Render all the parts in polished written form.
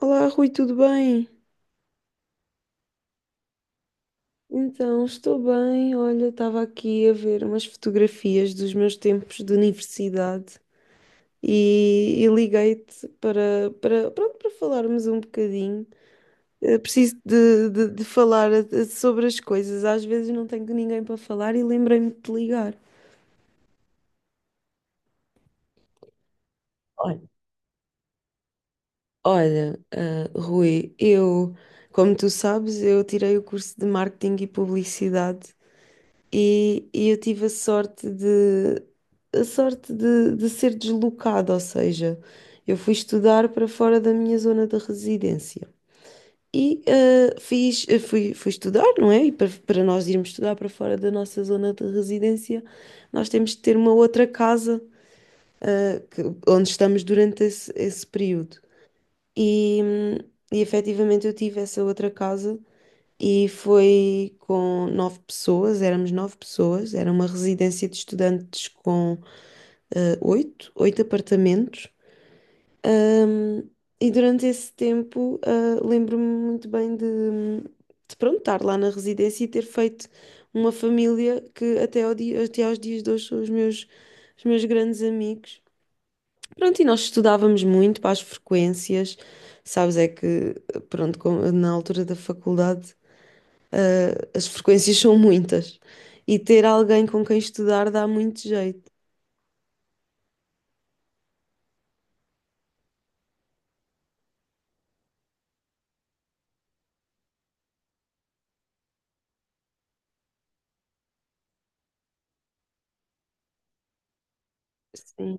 Olá, Rui, tudo bem? Então, estou bem. Olha, estava aqui a ver umas fotografias dos meus tempos de universidade e liguei-te para falarmos um bocadinho. Preciso de falar sobre as coisas. Às vezes não tenho ninguém para falar e lembrei-me de te ligar. Olha, olha, Rui, eu, como tu sabes, eu tirei o curso de marketing e publicidade. E eu tive a sorte de ser deslocada, ou seja, eu fui estudar para fora da minha zona de residência. E fui estudar, não é? E para nós irmos estudar para fora da nossa zona de residência, nós temos de ter uma outra casa eh, que- onde estamos durante esse período. E, hum, e efetivamente eu tive essa outra casa e foi com nove pessoas, éramos nove pessoas, era uma residência de estudantes com oito apartamentos. E durante esse tempo, lembro-me muito bem de pronto, estar lá na residência e ter feito uma família que até aos dias de hoje são os meus grandes amigos. Pronto, e nós estudávamos muito para as frequências, sabes, é que, pronto, na altura da faculdade. As frequências são muitas. E ter alguém com quem estudar dá muito jeito. Sim,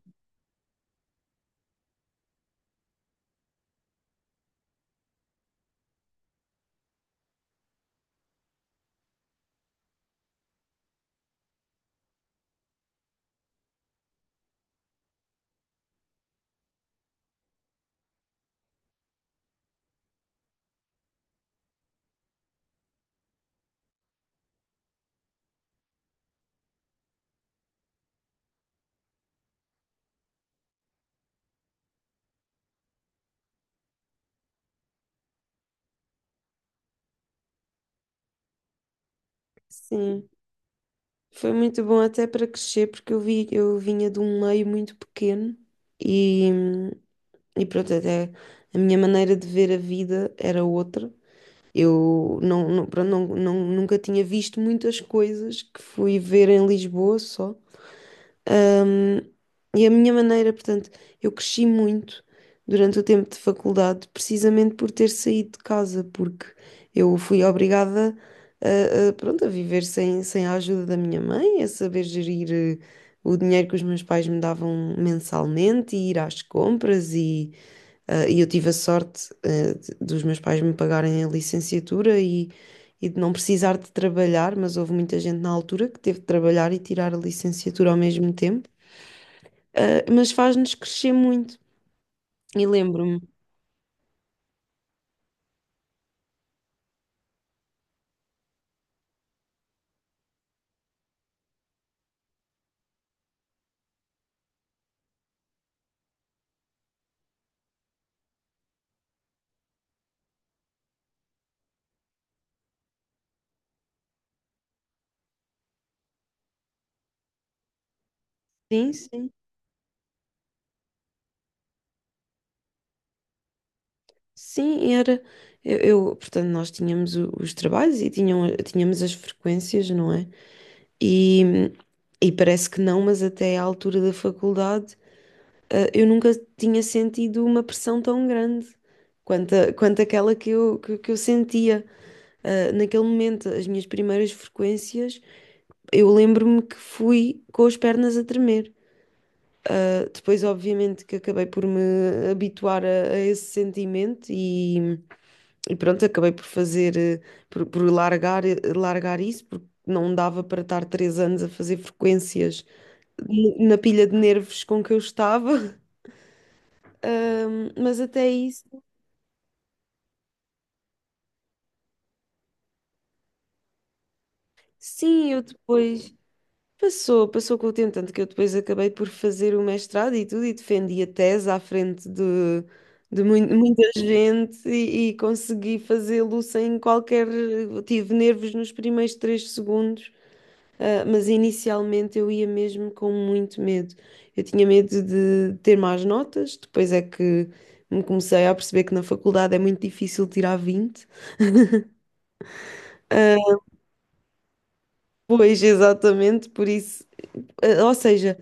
sim. Foi muito bom até para crescer, porque eu vinha de um meio muito pequeno e, e pronto, até a minha maneira de ver a vida era outra. Eu não, não, pronto, nunca tinha visto muitas coisas que fui ver em Lisboa só. Ahm, e a minha maneira, portanto, eu cresci muito durante o tempo de faculdade, precisamente por ter saído de casa, porque eu fui obrigada pronto, a viver sem a ajuda da minha mãe, a saber gerir o dinheiro que os meus pais me davam mensalmente e ir às compras. E eu tive a sorte, dos meus pais me pagarem a licenciatura e. E de não precisar de trabalhar, mas houve muita gente na altura que teve de trabalhar e tirar a licenciatura ao mesmo tempo. Mas faz-nos crescer muito. E lembro-me, sim, sim, sim, era. Portanto, nós tínhamos os trabalhos e tinham, tínhamos as frequências, não é? E, e parece que não, mas até à altura da faculdade, eu nunca tinha sentido uma pressão tão grande quanto, quanto aquela que eu sentia. Naquele momento, as minhas primeiras frequências, eu lembro-me que fui com as pernas a tremer. Depois, obviamente, que acabei por me habituar a esse sentimento e pronto, acabei por fazer, eh, por largar, eh, largar isso, porque não dava para estar 3 anos a fazer frequências na pilha de nervos com que eu estava. Mas até isso, sim, eu depois. Passou, passou com o tempo, tanto que eu depois acabei por fazer o mestrado e tudo, e defendi a tese à frente de muita gente e consegui fazê-lo sem qualquer. Tive nervos nos primeiros 3 segundos, mas inicialmente eu ia mesmo com muito medo. Eu tinha medo de ter más notas, depois é que me comecei a perceber que na faculdade é muito difícil tirar 20. Pois, exatamente, por isso. Ou seja.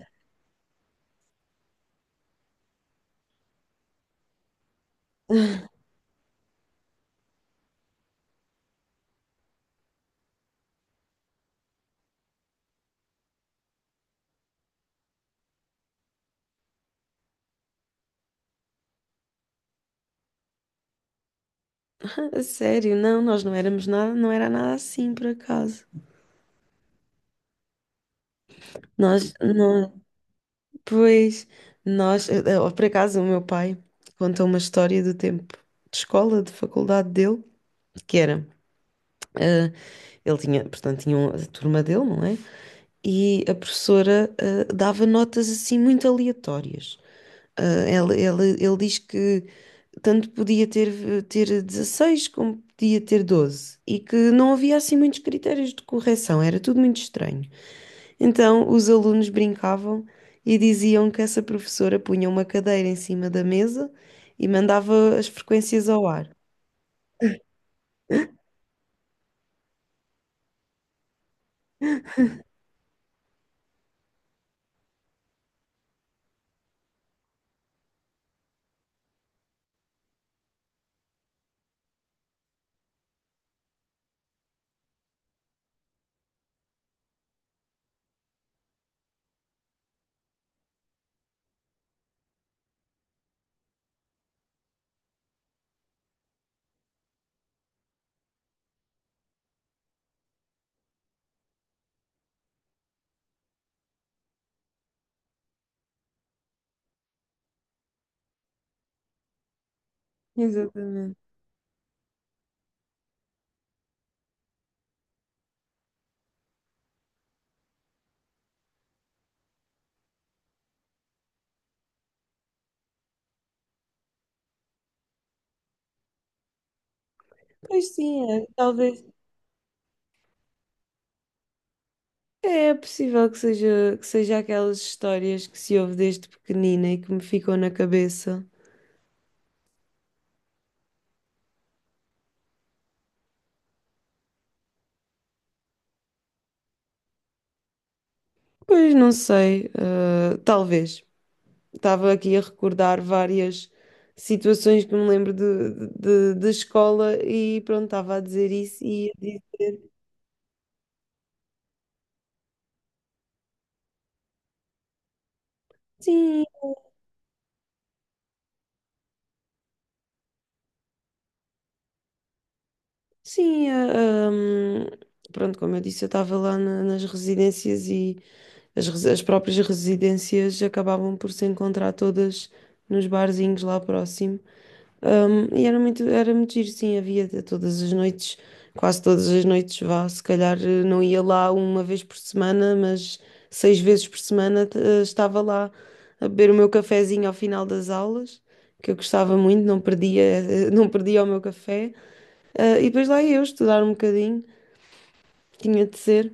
A sério, não, nós não éramos nada, não era nada assim, por acaso. Nós, não, pois, por acaso, o meu pai conta uma história do tempo de escola, de faculdade dele, que era, eh, ele tinha, portanto, tinha a turma dele, não é? E a professora, dava notas assim muito aleatórias. Ele diz que tanto podia ter 16 como podia ter 12 e que não havia assim muitos critérios de correção, era tudo muito estranho. Então, os alunos brincavam e diziam que essa professora punha uma cadeira em cima da mesa e mandava as frequências ao ar. Exatamente. Pois sim, é, talvez. É possível que seja aquelas histórias que se ouve desde pequenina e que me ficam na cabeça. Pois não sei, talvez. Estava aqui a recordar várias situações que me lembro de escola e pronto, estava a dizer isso e a dizer sim. Sim, a, hum, pronto, como eu disse, eu estava lá nas residências e as próprias residências acabavam por se encontrar todas nos barzinhos lá próximo. E era muito giro, sim, havia de todas as noites, quase todas as noites, vá, se calhar não ia lá uma vez por semana, mas 6 vezes por semana estava lá a beber o meu cafezinho ao final das aulas, que eu gostava muito, não perdia, não perdia o meu café. E depois lá ia eu estudar um bocadinho, tinha de ser.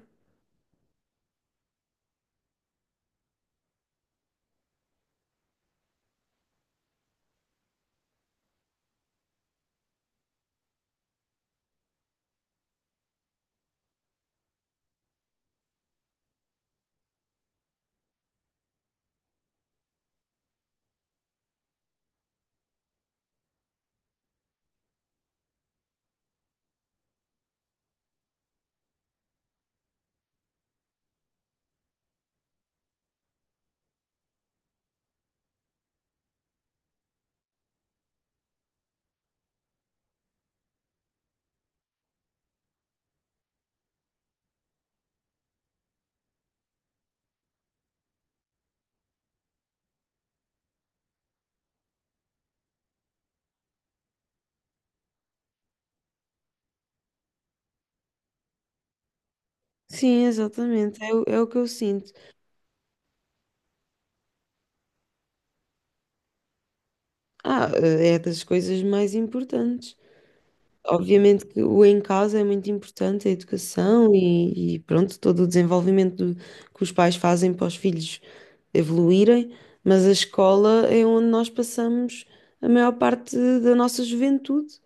Sim, exatamente, é, é o que eu sinto. É das coisas mais importantes. Obviamente que o em casa é muito importante, a educação e pronto, todo o desenvolvimento que os pais fazem para os filhos evoluírem, mas a escola é onde nós passamos a maior parte da nossa juventude.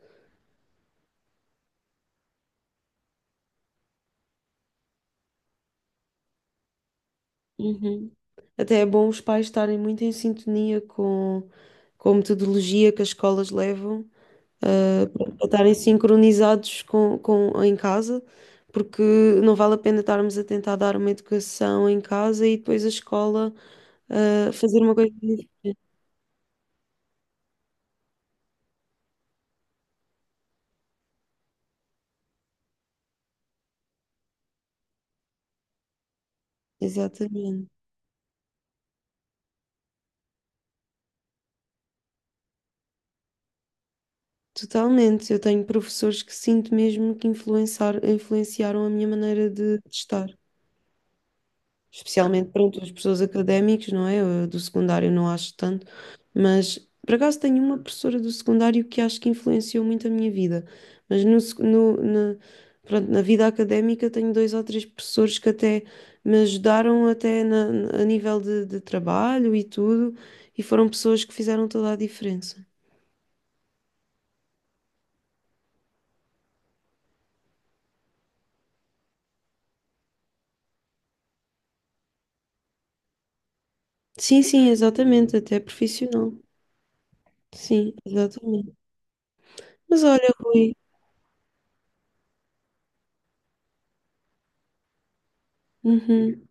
Uhum. Até é bom os pais estarem muito em sintonia com a metodologia que as escolas levam para estarem sincronizados em casa, porque não vale a pena estarmos a tentar dar uma educação em casa e depois a escola fazer uma coisa diferente. Exatamente. Totalmente. Eu tenho professores que sinto mesmo que influenciaram a minha maneira de estar. Especialmente, pronto, as pessoas académicas, não é? Eu do secundário não acho tanto, mas por acaso tenho uma professora do secundário que acho que influenciou muito a minha vida. Mas pronto, na vida académica tenho dois ou três professores que até me ajudaram até a nível de trabalho e tudo, e foram pessoas que fizeram toda a diferença. Sim, sim, exatamente, até profissional. Sim, exatamente. Mas olha, Rui, uhum.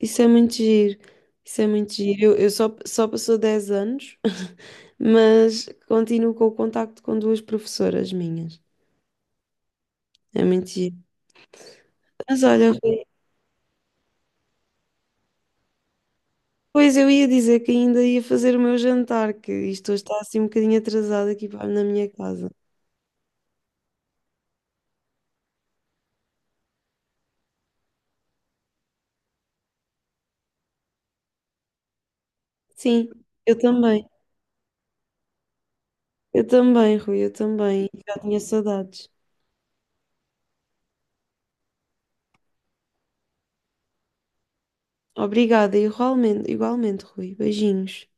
Isso é muito giro. Isso é muito giro. Eu só, só passou 10 anos, mas continuo com o contacto com duas professoras minhas. É muito giro. Mas olha, Rui, pois eu ia dizer que ainda ia fazer o meu jantar, que isto hoje está assim um bocadinho atrasado aqui na minha casa. Sim, eu também. Eu também, Rui, eu também. Já tinha saudades. Obrigada, igualmente, igualmente, Rui. Beijinhos.